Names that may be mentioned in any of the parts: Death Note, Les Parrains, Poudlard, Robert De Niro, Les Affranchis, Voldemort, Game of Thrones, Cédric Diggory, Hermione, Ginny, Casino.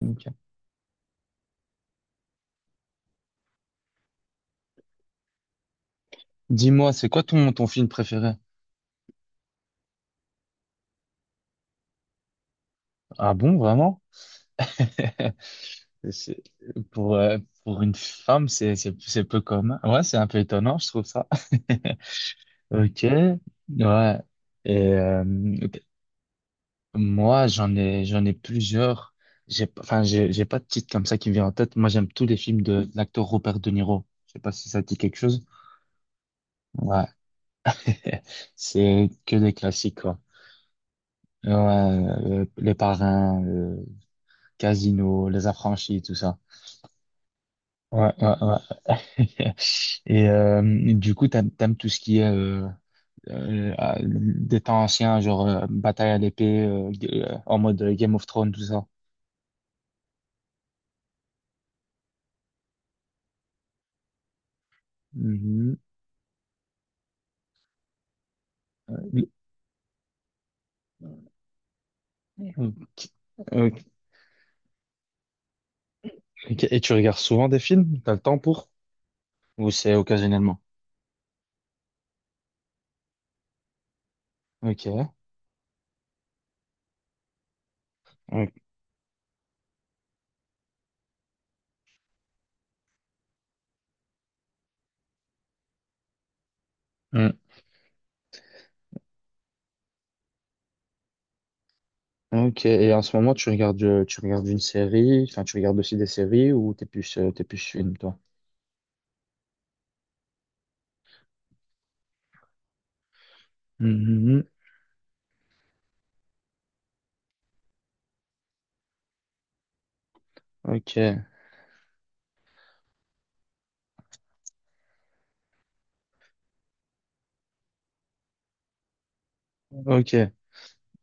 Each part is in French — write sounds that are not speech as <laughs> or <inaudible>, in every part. Ok. Dis-moi, c'est quoi ton film préféré? Ah bon, vraiment? <laughs> C'est- Pour, euh, pour une femme, c'est peu commun. Ouais, c'est un peu étonnant, je trouve ça. <laughs> Ok, ouais. Et ok. Moi, j'en ai plusieurs. J'ai, pas- Enfin, j'ai pas de titre comme ça qui me vient en tête. Moi, j'aime tous les films de l'acteur Robert De Niro. Je sais pas si ça te dit quelque chose. Ouais, <laughs> c'est que des classiques, quoi. Ouais, Les Parrains, Casino, Les Affranchis, tout ça. Ouais, ouais, ouais. <laughs> Et du coup, t'aimes tout ce qui est ah, des temps anciens, genre bataille à l'épée, en mode Game of Thrones, tout ça. Mhm. Ok. Et tu regardes souvent des films? T'as le temps pour? Ou c'est occasionnellement? Ok. Ok. Mm. Ok. Et en ce moment, tu regardes une série, enfin, tu regardes aussi des séries ou t'es plus film, toi? Mhm. Ok. Ok.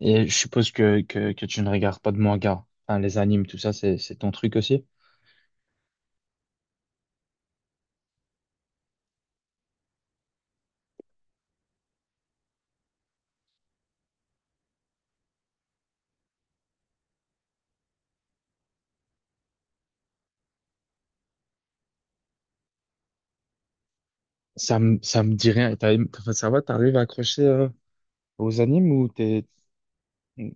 Et je suppose que tu ne regardes pas de manga. Enfin, les animes, tout ça, c'est ton truc aussi. Ça me dit rien. Et enfin, ça va, t'arrives à accrocher aux animes ou t'es. Ouais.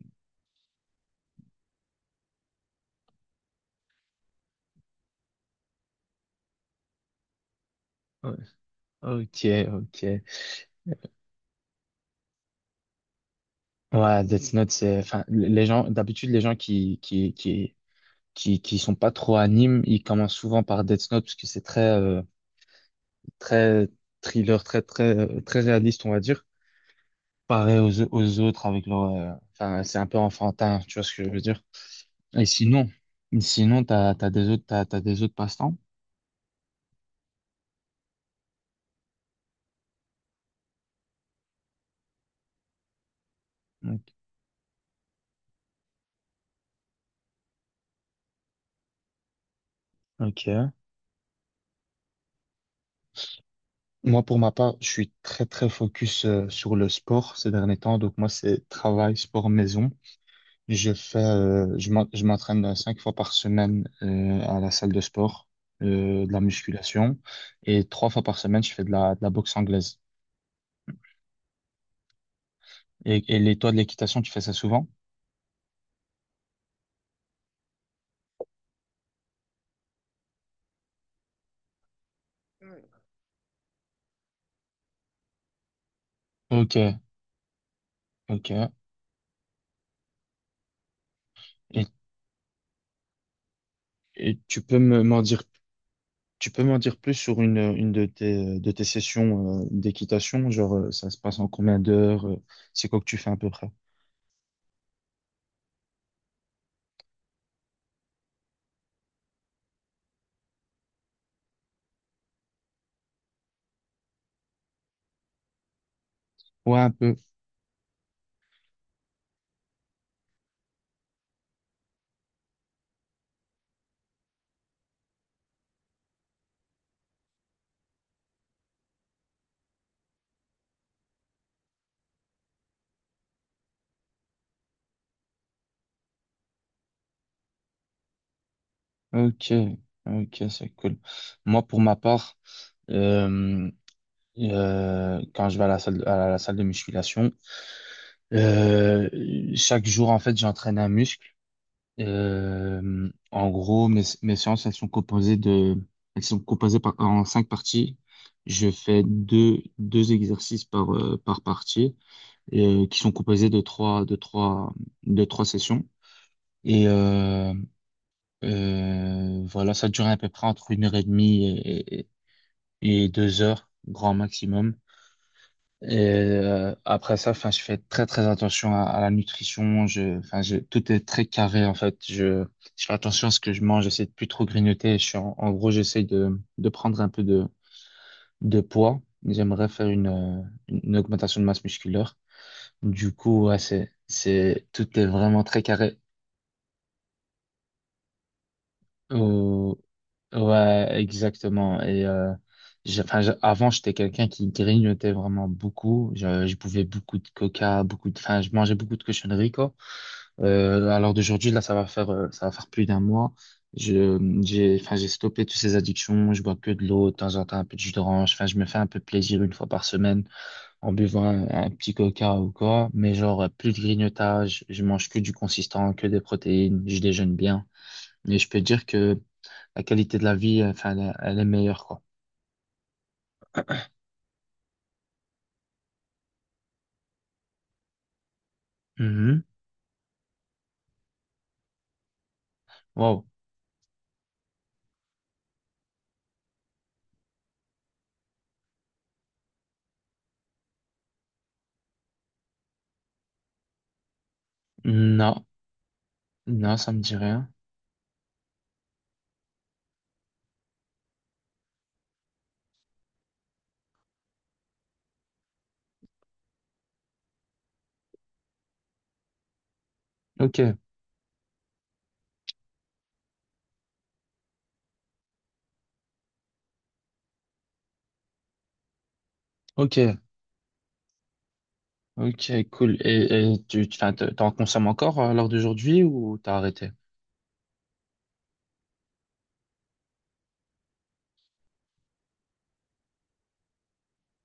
Ok, ok. Ouais, Death Note, c'est. Enfin, les gens, d'habitude, les gens qui sont pas trop animes, ils commencent souvent par Death Note parce que c'est très thriller, très, très, très réaliste, on va dire. Pareil aux autres avec enfin, c'est un peu enfantin, tu vois ce que je veux dire? Et sinon, t'as des autres passe-temps? Ok. Moi, pour ma part, je suis très, très focus sur le sport ces derniers temps. Donc, moi, c'est travail, sport, maison. Je m'entraîne 5 fois par semaine à la salle de sport, de la musculation. Et 3 fois par semaine, je fais de la boxe anglaise. Et toi, de l'équitation, tu fais ça souvent? Ok, ok. Et, et Tu peux m'en dire plus sur une de tes sessions d'équitation? Genre, ça se passe en combien d'heures? C'est quoi que tu fais à peu près? Ouais, un peu. Ok, ok, c'est cool. Moi, pour ma part, euh, quand je vais à la salle de musculation, euh, chaque jour, en fait, j'entraîne un muscle. En gros, mes séances, elles sont composées par, en 5 parties. Je fais deux exercices par partie, qui sont composés de trois sessions. Et voilà, ça dure à peu près entre une heure et demie et deux heures, grand maximum. Et après ça, enfin, je fais très très attention à la nutrition. Enfin, tout est très carré en fait. Je fais attention à ce que je mange. J'essaie de plus trop grignoter. Je suis en gros, j'essaie de prendre un peu de poids. J'aimerais faire une augmentation de masse musculaire. Du coup, ouais, tout est vraiment très carré. Euh, Ouais, exactement. Et enfin, avant, j'étais quelqu'un qui grignotait vraiment beaucoup. Je buvais beaucoup de coca, enfin, je mangeais beaucoup de cochonneries, quoi. Alors d'aujourd'hui, là, ça va faire plus d'1 mois. Je, enfin, j'ai stoppé toutes ces addictions. Je bois que de l'eau, de temps en temps un peu de jus d'orange. Enfin, je me fais un peu plaisir une fois par semaine en buvant un petit coca ou quoi. Mais genre, plus de grignotage. Je mange que du consistant, que des protéines. Je déjeune bien. Et je peux dire que la qualité de la vie, enfin, elle est meilleure, quoi. Mhm. Wow. Non, non, ça me dit rien. Ok, ok, ok, cool. Et enfin, t'en consommes encore lors d'aujourd'hui ou t'as arrêté?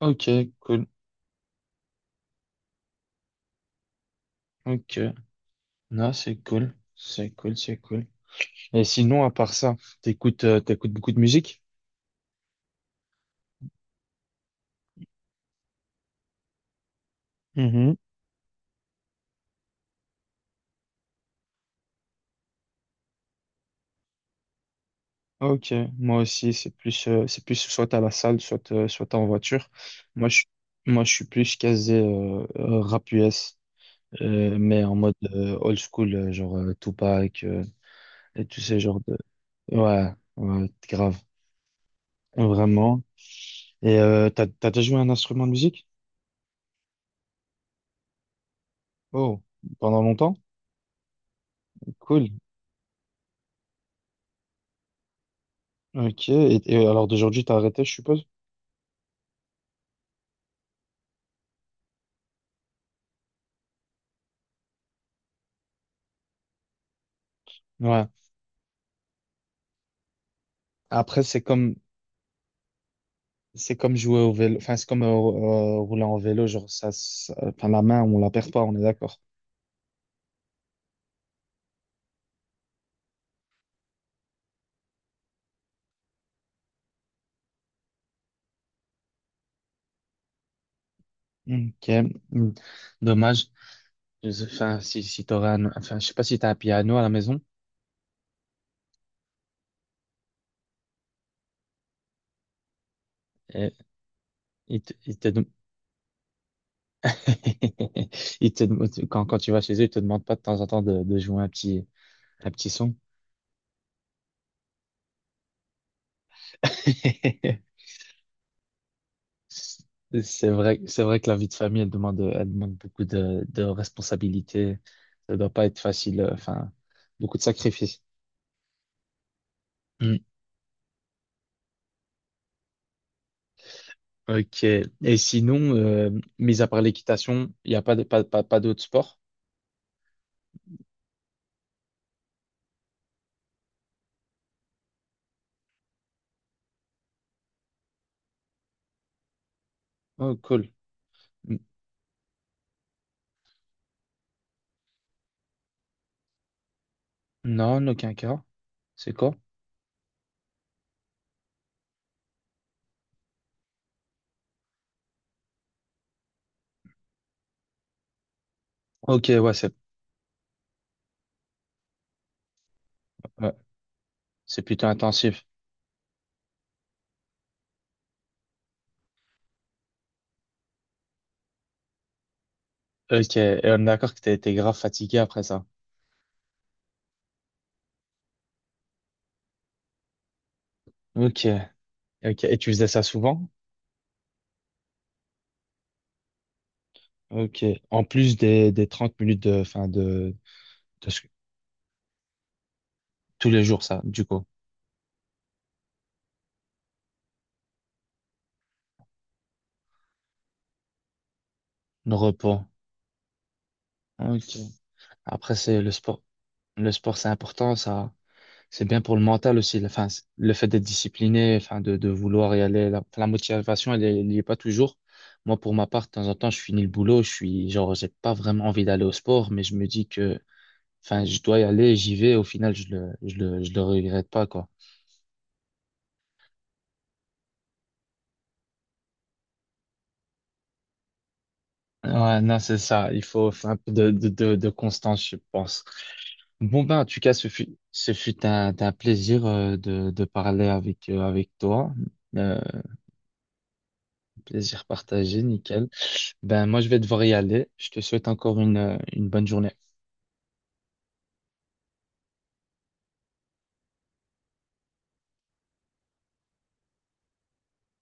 Ok, cool. Ok. Non, c'est cool. C'est cool, c'est cool. Et sinon, à part ça, t'écoutes beaucoup de musique? Mhm. Ok, moi aussi, c'est plus soit à la salle, soit en voiture. Moi, je, moi, je suis plus casé rap US. Mais en mode old school, genre Tupac, et tous ces genres de. Ouais, ouais, grave, vraiment. Et t'as déjà joué un instrument de musique? Oh, pendant longtemps? Cool. Ok, et alors d'aujourd'hui, t'as arrêté, je suppose? Ouais. Après, c'est comme jouer au vélo, enfin, c'est comme rouler en vélo, genre enfin, la main, on la perd pas, on est d'accord. Ok, hmm. Dommage. Enfin, si t'aurais enfin, je sais pas si t'as un piano à la maison. Et, il te, il te- <laughs> quand, tu vas chez eux, ils te demandent pas de temps en temps de jouer un petit son. <laughs> C'est vrai que la vie de famille, elle demande beaucoup de responsabilités. Ça doit pas être facile, enfin, beaucoup de sacrifices. Hmm, ok. Et sinon, mis à part l'équitation, il n'y a pas, de- pas, pas, pas d'autres sports? Oh, cool. N- Non, en aucun cas. C'est quoi? Ok, ouais, c'est plutôt intensif. Ok, et on est d'accord que t'as été grave fatigué après ça. Ok, ok. Et tu faisais ça souvent? Ok. En plus des 30 minutes de, enfin, de tous les jours, ça, du coup, le repos. Ok. Après, c'est le sport. Le sport, c'est important, ça. C'est bien pour le mental aussi. Enfin, le fait d'être discipliné, enfin, de vouloir y aller. La motivation, elle y est pas toujours. Moi, pour ma part, de temps en temps, je finis le boulot. Genre, j'ai pas vraiment envie d'aller au sport, mais je me dis que, enfin, je dois y aller, j'y vais. Au final, je le regrette pas, quoi. Ouais, non, c'est ça. Il faut faire un peu de constance, je pense. Bon, ben, en tout cas, ce fut un plaisir de parler avec toi. Euh, Plaisir partagé, nickel. Ben, moi, je vais devoir y aller. Je te souhaite encore une bonne journée.